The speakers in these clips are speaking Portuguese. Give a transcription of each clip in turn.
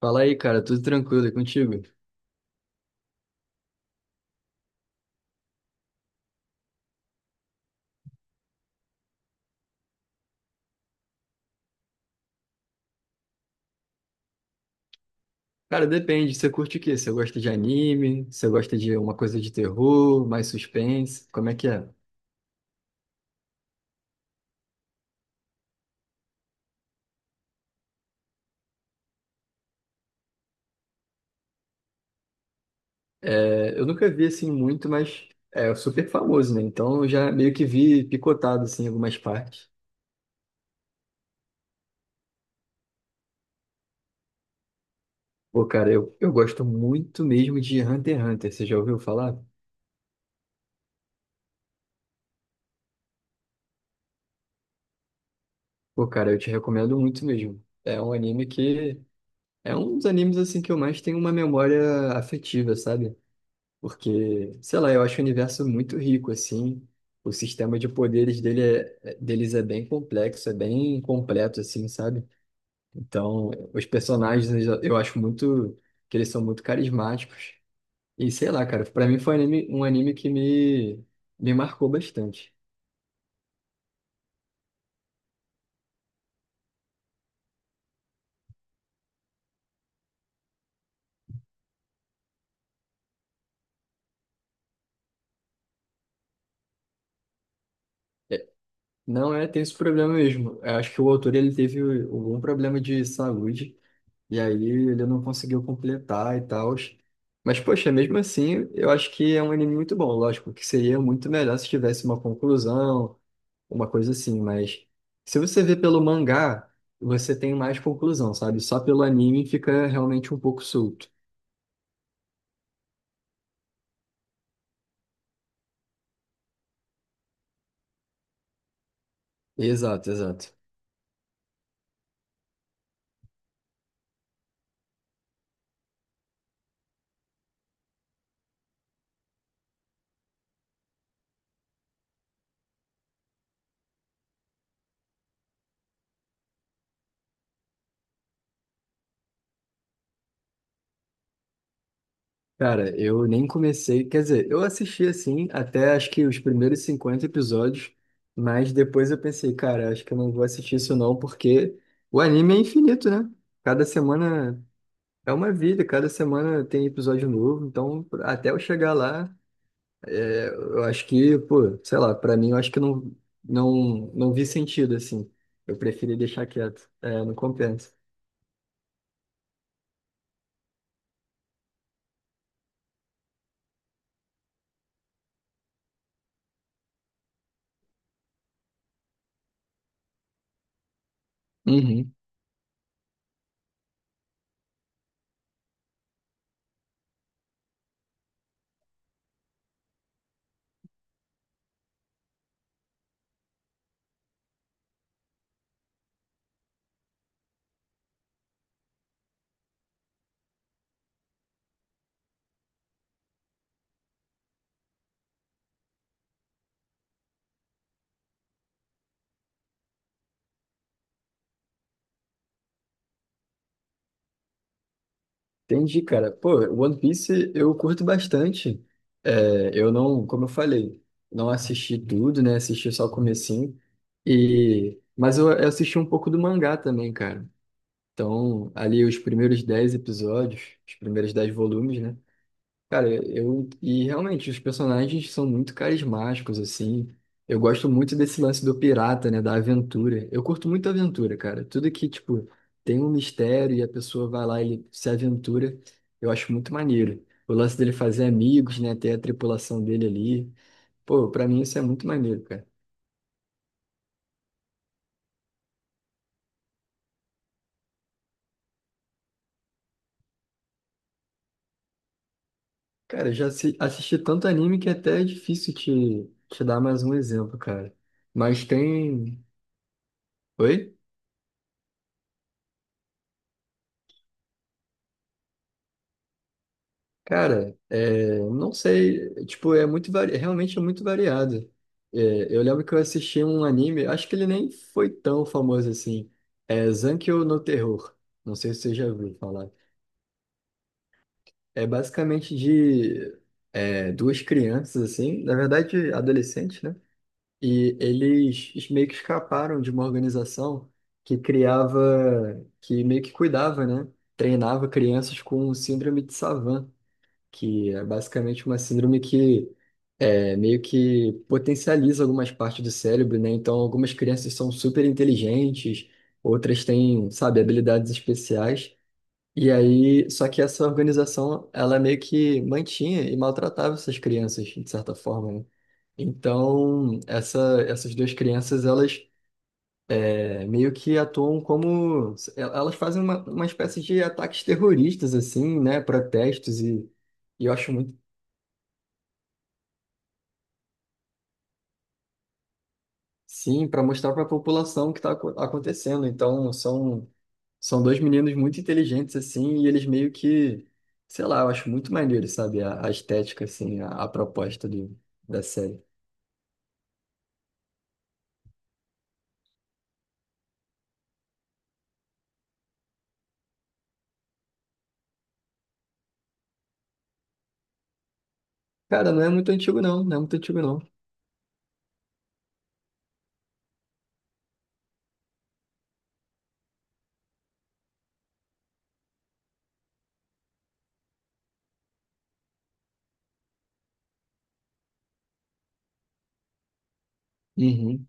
Fala aí, cara, tudo tranquilo e contigo? Cara, depende, você curte o quê? Você gosta de anime? Você gosta de uma coisa de terror, mais suspense? Como é que é? É, eu nunca vi assim muito, mas é super famoso, né? Então eu já meio que vi picotado assim em algumas partes. Pô, cara, eu gosto muito mesmo de Hunter x Hunter, você já ouviu falar? Pô, cara, eu te recomendo muito mesmo. É um anime que é um dos animes assim que eu mais tenho uma memória afetiva, sabe? Porque, sei lá, eu acho o universo muito rico, assim. O sistema de poderes dele deles é bem complexo, é bem completo, assim, sabe? Então, os personagens eu acho muito que eles são muito carismáticos. E sei lá, cara, pra mim foi um anime que me marcou bastante. É, não é, tem esse problema mesmo. Eu acho que o autor ele teve algum problema de saúde. E aí ele não conseguiu completar e tal. Mas, poxa, mesmo assim, eu acho que é um anime muito bom. Lógico que seria muito melhor se tivesse uma conclusão, uma coisa assim. Mas se você vê pelo mangá, você tem mais conclusão, sabe? Só pelo anime fica realmente um pouco solto. Exato, exato. Cara, eu nem comecei, quer dizer, eu assisti assim até acho que os primeiros 50 episódios, mas depois eu pensei, cara, acho que eu não vou assistir isso não, porque o anime é infinito, né? Cada semana é uma vida, cada semana tem episódio novo, então até eu chegar lá, é, eu acho que, pô, sei lá, pra mim eu acho que não não vi sentido assim. Eu preferi deixar quieto, é, não compensa. Uhum. Entendi, cara. Pô, One Piece eu curto bastante. É, eu não, como eu falei, não assisti tudo, né? Assisti só o comecinho. E, mas eu assisti um pouco do mangá também, cara. Então, ali os primeiros 10 episódios, os primeiros 10 volumes, né? Cara, eu. E realmente, os personagens são muito carismáticos, assim. Eu gosto muito desse lance do pirata, né? Da aventura. Eu curto muito aventura, cara. Tudo que, tipo, tem um mistério e a pessoa vai lá e se aventura, eu acho muito maneiro. O lance dele fazer amigos, né? Ter a tripulação dele ali. Pô, pra mim isso é muito maneiro, cara. Cara, eu assisti tanto anime que até é difícil te dar mais um exemplo, cara. Mas tem. Oi? Cara, é, não sei, tipo, é muito vari... realmente é muito variado. É, eu lembro que eu assisti um anime, acho que ele nem foi tão famoso assim. É Zankyo no Terror. Não sei se você já ouviu falar. É basicamente de duas crianças, assim, na verdade, adolescentes, né? E eles meio que escaparam de uma organização que criava, que meio que cuidava, né? Treinava crianças com síndrome de Savant que é basicamente uma síndrome que meio que potencializa algumas partes do cérebro, né? Então, algumas crianças são super inteligentes, outras têm, sabe, habilidades especiais. E aí, só que essa organização, ela meio que mantinha e maltratava essas crianças, de certa forma, né? Então, essas duas crianças, elas meio que atuam como... elas fazem uma espécie de ataques terroristas, assim, né? Protestos e eu acho muito sim, para mostrar para a população o que está acontecendo. Então, são dois meninos muito inteligentes, assim, e eles meio que, sei lá, eu acho muito maneiro, sabe? A estética, assim, a proposta do, da série. Cara, não é muito antigo, não. Não é muito antigo, não. Uhum.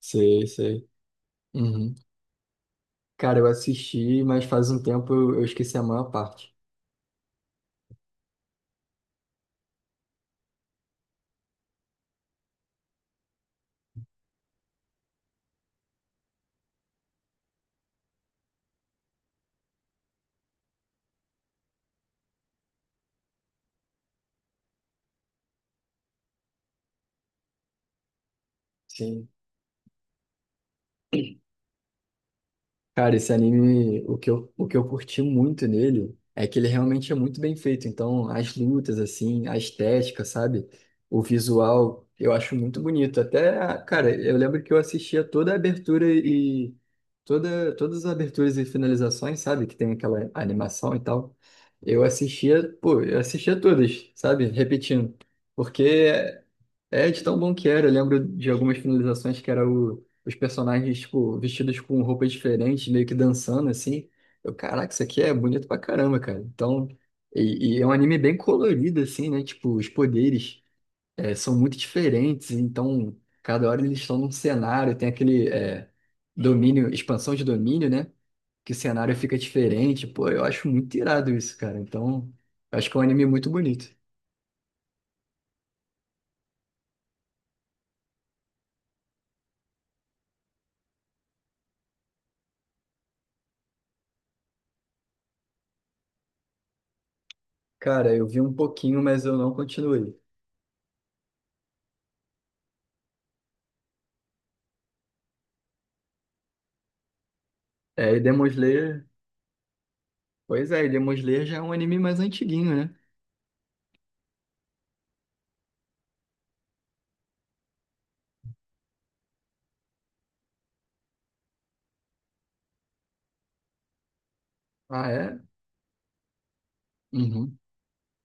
Sei, sei. Uhum. Cara, eu assisti, mas faz um tempo eu esqueci a maior parte. Sim. Cara, esse anime, o que eu curti muito nele é que ele realmente é muito bem feito. Então, as lutas, assim, a estética, sabe? O visual, eu acho muito bonito. Até, cara, eu lembro que eu assistia toda a abertura e todas as aberturas e finalizações, sabe? Que tem aquela animação e tal. Eu assistia, pô, eu assistia todas, sabe? Repetindo. Porque é, de tão bom que era. Eu lembro de algumas finalizações que era os personagens, tipo, vestidos com roupas diferentes, meio que dançando, assim. Eu, caraca, isso aqui é bonito pra caramba, cara. Então, e é um anime bem colorido, assim, né? Tipo, os poderes são muito diferentes, então, cada hora eles estão num cenário, tem aquele domínio, expansão de domínio, né? Que o cenário fica diferente. Pô, eu acho muito irado isso, cara. Então, eu acho que é um anime muito bonito. Cara, eu vi um pouquinho, mas eu não continuei. É, e Demon Slayer. Pois é, e Demon Slayer já é um anime mais antiguinho, né? Ah, é? Uhum.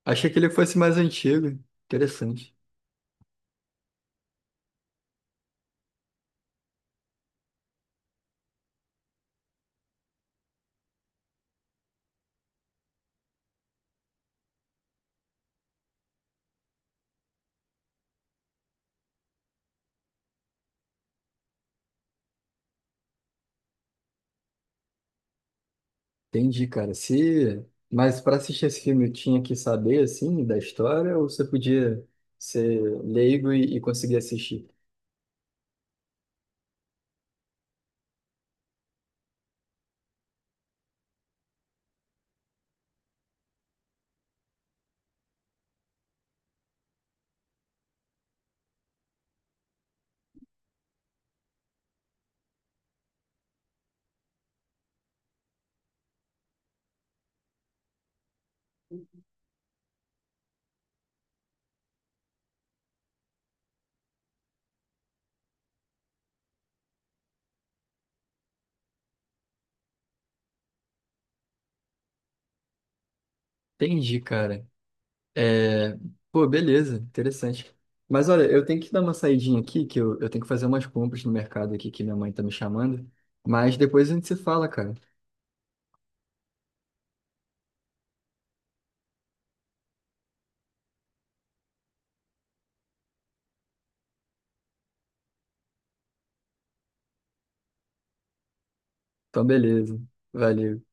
Achei que ele fosse mais antigo. Interessante. Entendi, cara. Se... Mas para assistir esse filme, eu tinha que saber, assim, da história, ou você podia ser leigo e conseguir assistir? Entendi, cara. É... Pô, beleza. Interessante. Mas olha, eu tenho que dar uma saidinha aqui, que eu tenho que fazer umas compras no mercado aqui, que minha mãe tá me chamando. Mas depois a gente se fala, cara. Então, beleza. Valeu.